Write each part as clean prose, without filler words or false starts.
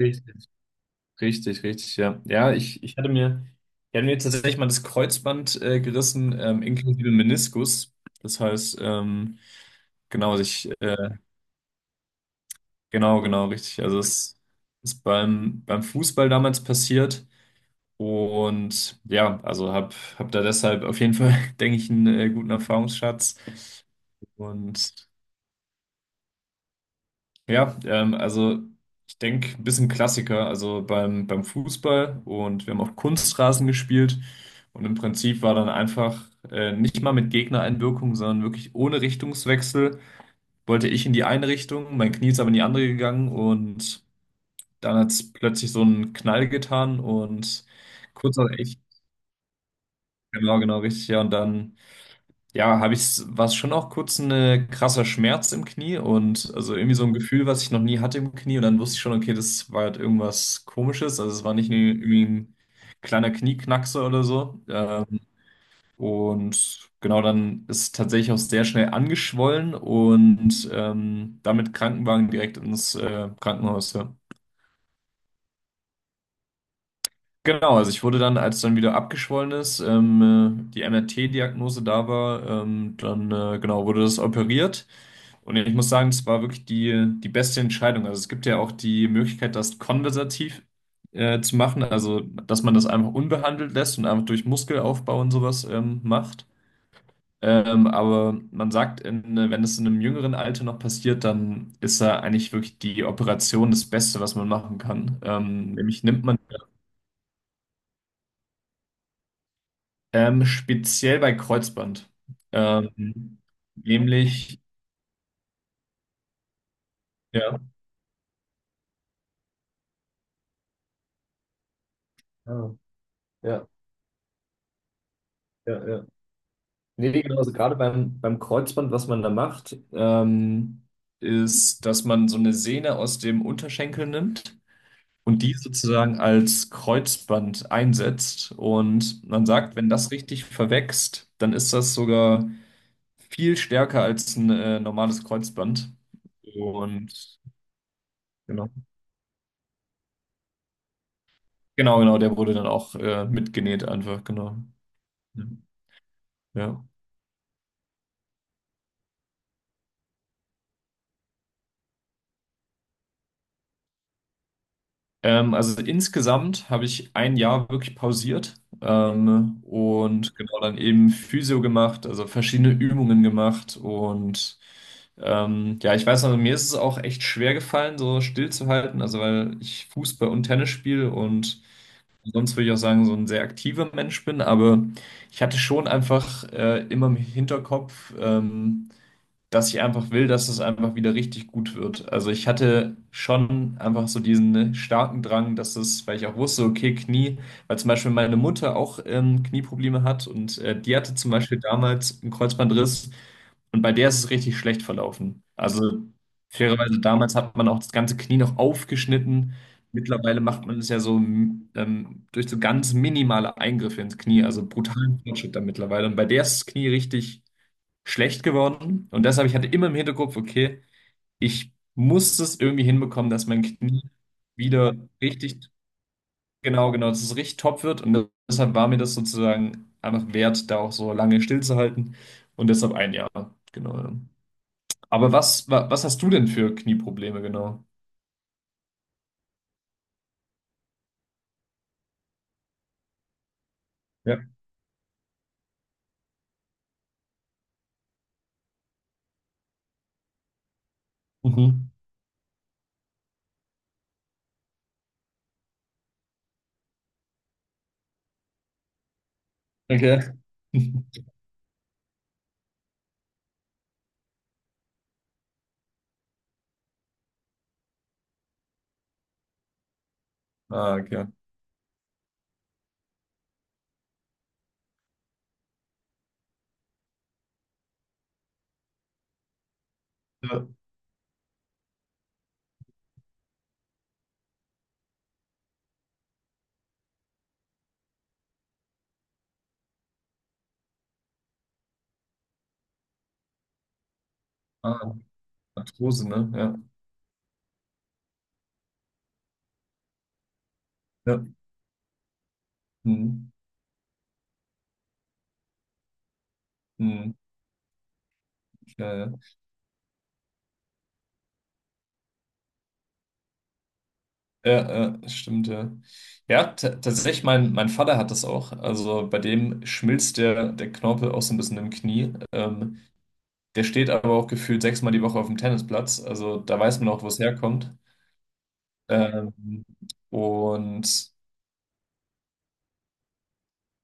Richtig, richtig, richtig, ja. Ja, ich hatte mir tatsächlich mal das Kreuzband gerissen, inklusive Meniskus. Das heißt, genau, also genau, genau, richtig. Also es ist beim Fußball damals passiert. Und ja, also hab da deshalb auf jeden Fall, denke ich, einen guten Erfahrungsschatz. Und ja, also ich denke, ein bisschen Klassiker, also beim Fußball und wir haben auf Kunstrasen gespielt und im Prinzip war dann einfach nicht mal mit Gegnereinwirkung, sondern wirklich ohne Richtungswechsel wollte ich in die eine Richtung, mein Knie ist aber in die andere gegangen und dann hat es plötzlich so einen Knall getan und kurz nach, ich, genau, genau, richtig, ja, und dann ja, war es schon auch kurz ein krasser Schmerz im Knie und also irgendwie so ein Gefühl, was ich noch nie hatte im Knie. Und dann wusste ich schon, okay, das war halt irgendwas Komisches. Also es war nicht nur irgendwie ein kleiner Knieknackser oder so. Und genau, dann ist es tatsächlich auch sehr schnell angeschwollen und damit Krankenwagen direkt ins Krankenhaus. Ja. Genau, also ich wurde dann, als dann wieder abgeschwollen ist, die MRT-Diagnose da war, dann genau wurde das operiert. Und ich muss sagen, es war wirklich die beste Entscheidung. Also es gibt ja auch die Möglichkeit, das konversativ zu machen, also dass man das einfach unbehandelt lässt und einfach durch Muskelaufbau und sowas macht. Aber man sagt, wenn es in einem jüngeren Alter noch passiert, dann ist da eigentlich wirklich die Operation das Beste, was man machen kann. Nämlich nimmt man speziell bei Kreuzband. Ähm, nämlich, ja. Ah, ja, ja, ja. Nee, nee, genau, also gerade beim Kreuzband, was man da macht, ist, dass man so eine Sehne aus dem Unterschenkel nimmt und die sozusagen als Kreuzband einsetzt. Und man sagt, wenn das richtig verwächst, dann ist das sogar viel stärker als ein normales Kreuzband. Und genau, genau, genau, der wurde dann auch mitgenäht einfach, genau. Ja. Ja. Also insgesamt habe ich ein Jahr wirklich pausiert und genau dann eben Physio gemacht, also verschiedene Übungen gemacht und ja, ich weiß noch, mir ist es auch echt schwer gefallen, so stillzuhalten, also weil ich Fußball und Tennis spiele und sonst würde ich auch sagen, so ein sehr aktiver Mensch bin, aber ich hatte schon einfach immer im Hinterkopf, dass ich einfach will, dass es einfach wieder richtig gut wird. Also ich hatte schon einfach so diesen ne, starken Drang, dass es, weil ich auch wusste, okay, Knie, weil zum Beispiel meine Mutter auch Knieprobleme hat und die hatte zum Beispiel damals einen Kreuzbandriss und bei der ist es richtig schlecht verlaufen. Also fairerweise damals hat man auch das ganze Knie noch aufgeschnitten. Mittlerweile macht man es ja so durch so ganz minimale Eingriffe ins Knie, also brutalen Fortschritt da mittlerweile. Und bei der ist das Knie richtig schlecht geworden. Und deshalb, ich hatte immer im Hinterkopf, okay, ich muss es irgendwie hinbekommen, dass mein Knie wieder richtig, genau, genau, dass es richtig top wird. Und deshalb war mir das sozusagen einfach wert, da auch so lange stillzuhalten. Und deshalb ein Jahr, genau. Ja. Aber was hast du denn für Knieprobleme, genau? Ja. Mhm. Okay. Ah, okay. Ja. Ah, Arthrose, ne? Ja. Ja. Mhm. Mhm. Ja, ja. Ja, ja, stimmt, ja. Ja, tatsächlich, mein Vater hat das auch. Also bei dem schmilzt der Knorpel auch so ein bisschen im Knie. Der steht aber auch gefühlt sechsmal die Woche auf dem Tennisplatz. Also da weiß man auch, wo es herkommt. Ähm, und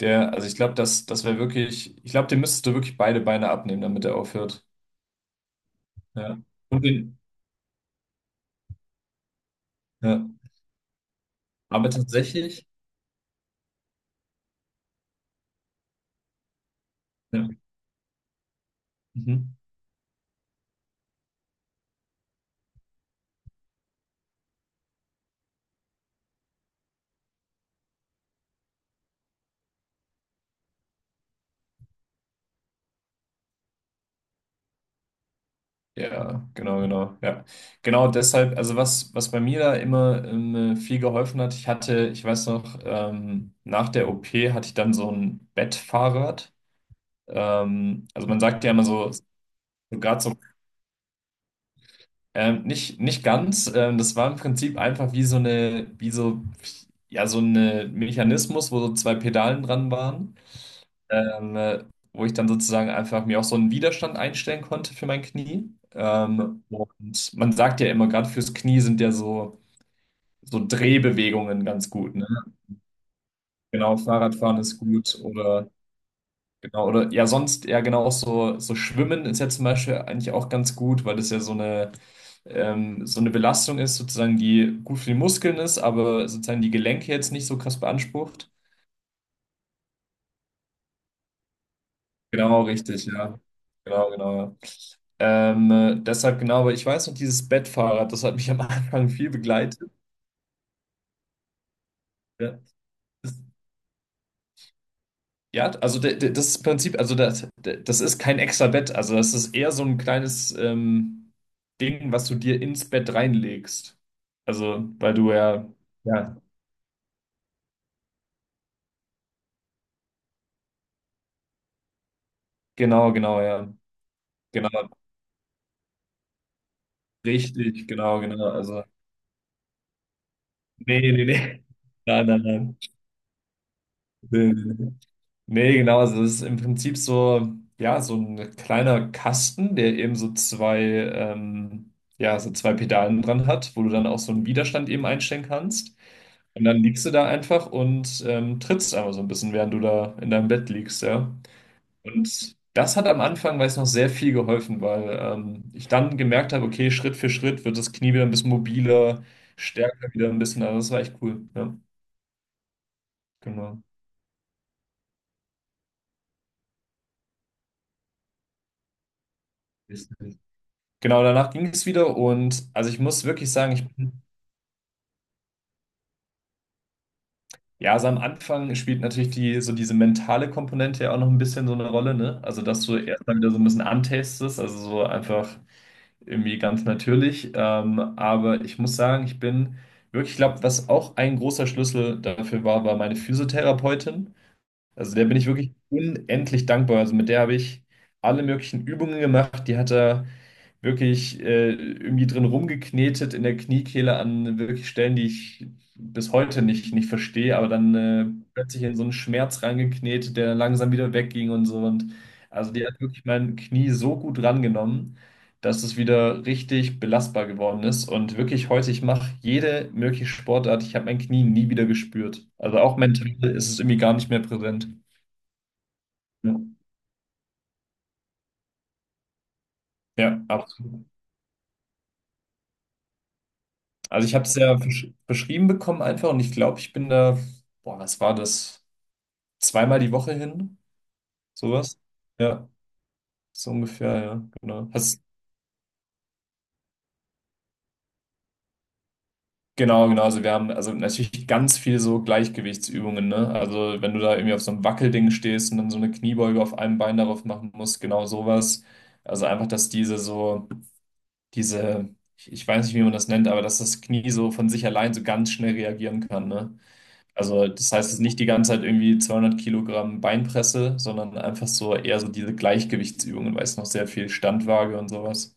also ich glaube, das wäre wirklich, ich glaube, dem müsstest du wirklich beide Beine abnehmen, damit er aufhört. Ja. Und den, ja. Aber tatsächlich, ja. Mhm. Ja, genau, genau, ja. Genau deshalb, also was bei mir da immer viel geholfen hat, ich weiß noch, nach der OP hatte ich dann so ein Bettfahrrad. Also man sagt ja immer so gerade so, nicht ganz, das war im Prinzip einfach wie so eine, wie so, ja, so ein Mechanismus, wo so zwei Pedalen dran waren. ähm, äh, wo ich dann sozusagen einfach mir auch so einen Widerstand einstellen konnte für mein Knie. Und man sagt ja immer, gerade fürs Knie sind ja so Drehbewegungen ganz gut, ne? Genau, Fahrradfahren ist gut oder genau, oder ja, sonst ja genau auch so Schwimmen ist ja zum Beispiel eigentlich auch ganz gut, weil das ja so eine Belastung ist, sozusagen, die gut für die Muskeln ist, aber sozusagen die Gelenke jetzt nicht so krass beansprucht. Genau, richtig, ja. Genau, genau, ja. Deshalb genau, aber ich weiß noch, dieses Bettfahrrad, das hat mich am Anfang viel begleitet. Ja, das, ja, also das Prinzip, also das ist kein extra Bett, also das ist eher so ein kleines Ding, was du dir ins Bett reinlegst. Also, weil du ja, ja, genau, genau, ja, genau, richtig, genau, genau, also, nee, nee, nee, nein, nein, nein, nee, nee, nee. Nee, genau, also das ist im Prinzip so, ja, so ein kleiner Kasten, der eben so zwei Pedalen dran hat, wo du dann auch so einen Widerstand eben einstellen kannst. Und dann liegst du da einfach und trittst einfach so ein bisschen, während du da in deinem Bett liegst, ja. Und das hat am Anfang, weiß ich noch, sehr viel geholfen, weil ich dann gemerkt habe, okay, Schritt für Schritt wird das Knie wieder ein bisschen mobiler, stärker wieder ein bisschen, also das war echt cool, ja, genau. Genau, danach ging es wieder und also ich muss wirklich sagen, ja, so am Anfang spielt natürlich so diese mentale Komponente ja auch noch ein bisschen so eine Rolle, ne? Also, dass du erstmal wieder so ein bisschen antastest, also so einfach irgendwie ganz natürlich. Aber ich muss sagen, ich glaube, was auch ein großer Schlüssel dafür war, war meine Physiotherapeutin. Also der bin ich wirklich unendlich dankbar. Also mit der habe ich alle möglichen Übungen gemacht. Die hat er wirklich irgendwie drin rumgeknetet in der Kniekehle an wirklich Stellen, die ich bis heute nicht verstehe, aber dann plötzlich in so einen Schmerz reingeknetet, der dann langsam wieder wegging und so. Und also die hat wirklich mein Knie so gut rangenommen, dass es wieder richtig belastbar geworden ist. Und wirklich heute, ich mache jede mögliche Sportart. Ich habe mein Knie nie wieder gespürt. Also auch mental ist es irgendwie gar nicht mehr präsent. Ja, ja, absolut. Also ich habe es ja beschrieben bekommen einfach und ich glaube, ich bin da, boah, was war das? Zweimal die Woche hin, sowas? Ja, so ungefähr, ja, genau. Genau, genau. Also wir haben also natürlich ganz viel so Gleichgewichtsübungen, ne? Also wenn du da irgendwie auf so einem Wackelding stehst und dann so eine Kniebeuge auf einem Bein darauf machen musst, genau sowas. Also einfach, dass ich weiß nicht, wie man das nennt, aber dass das Knie so von sich allein so ganz schnell reagieren kann, ne? Also das heißt, es ist nicht die ganze Zeit irgendwie 200 Kilogramm Beinpresse, sondern einfach so eher so diese Weißgewichtsübungen, weißt du, noch sehr viel Standwaage und sowas.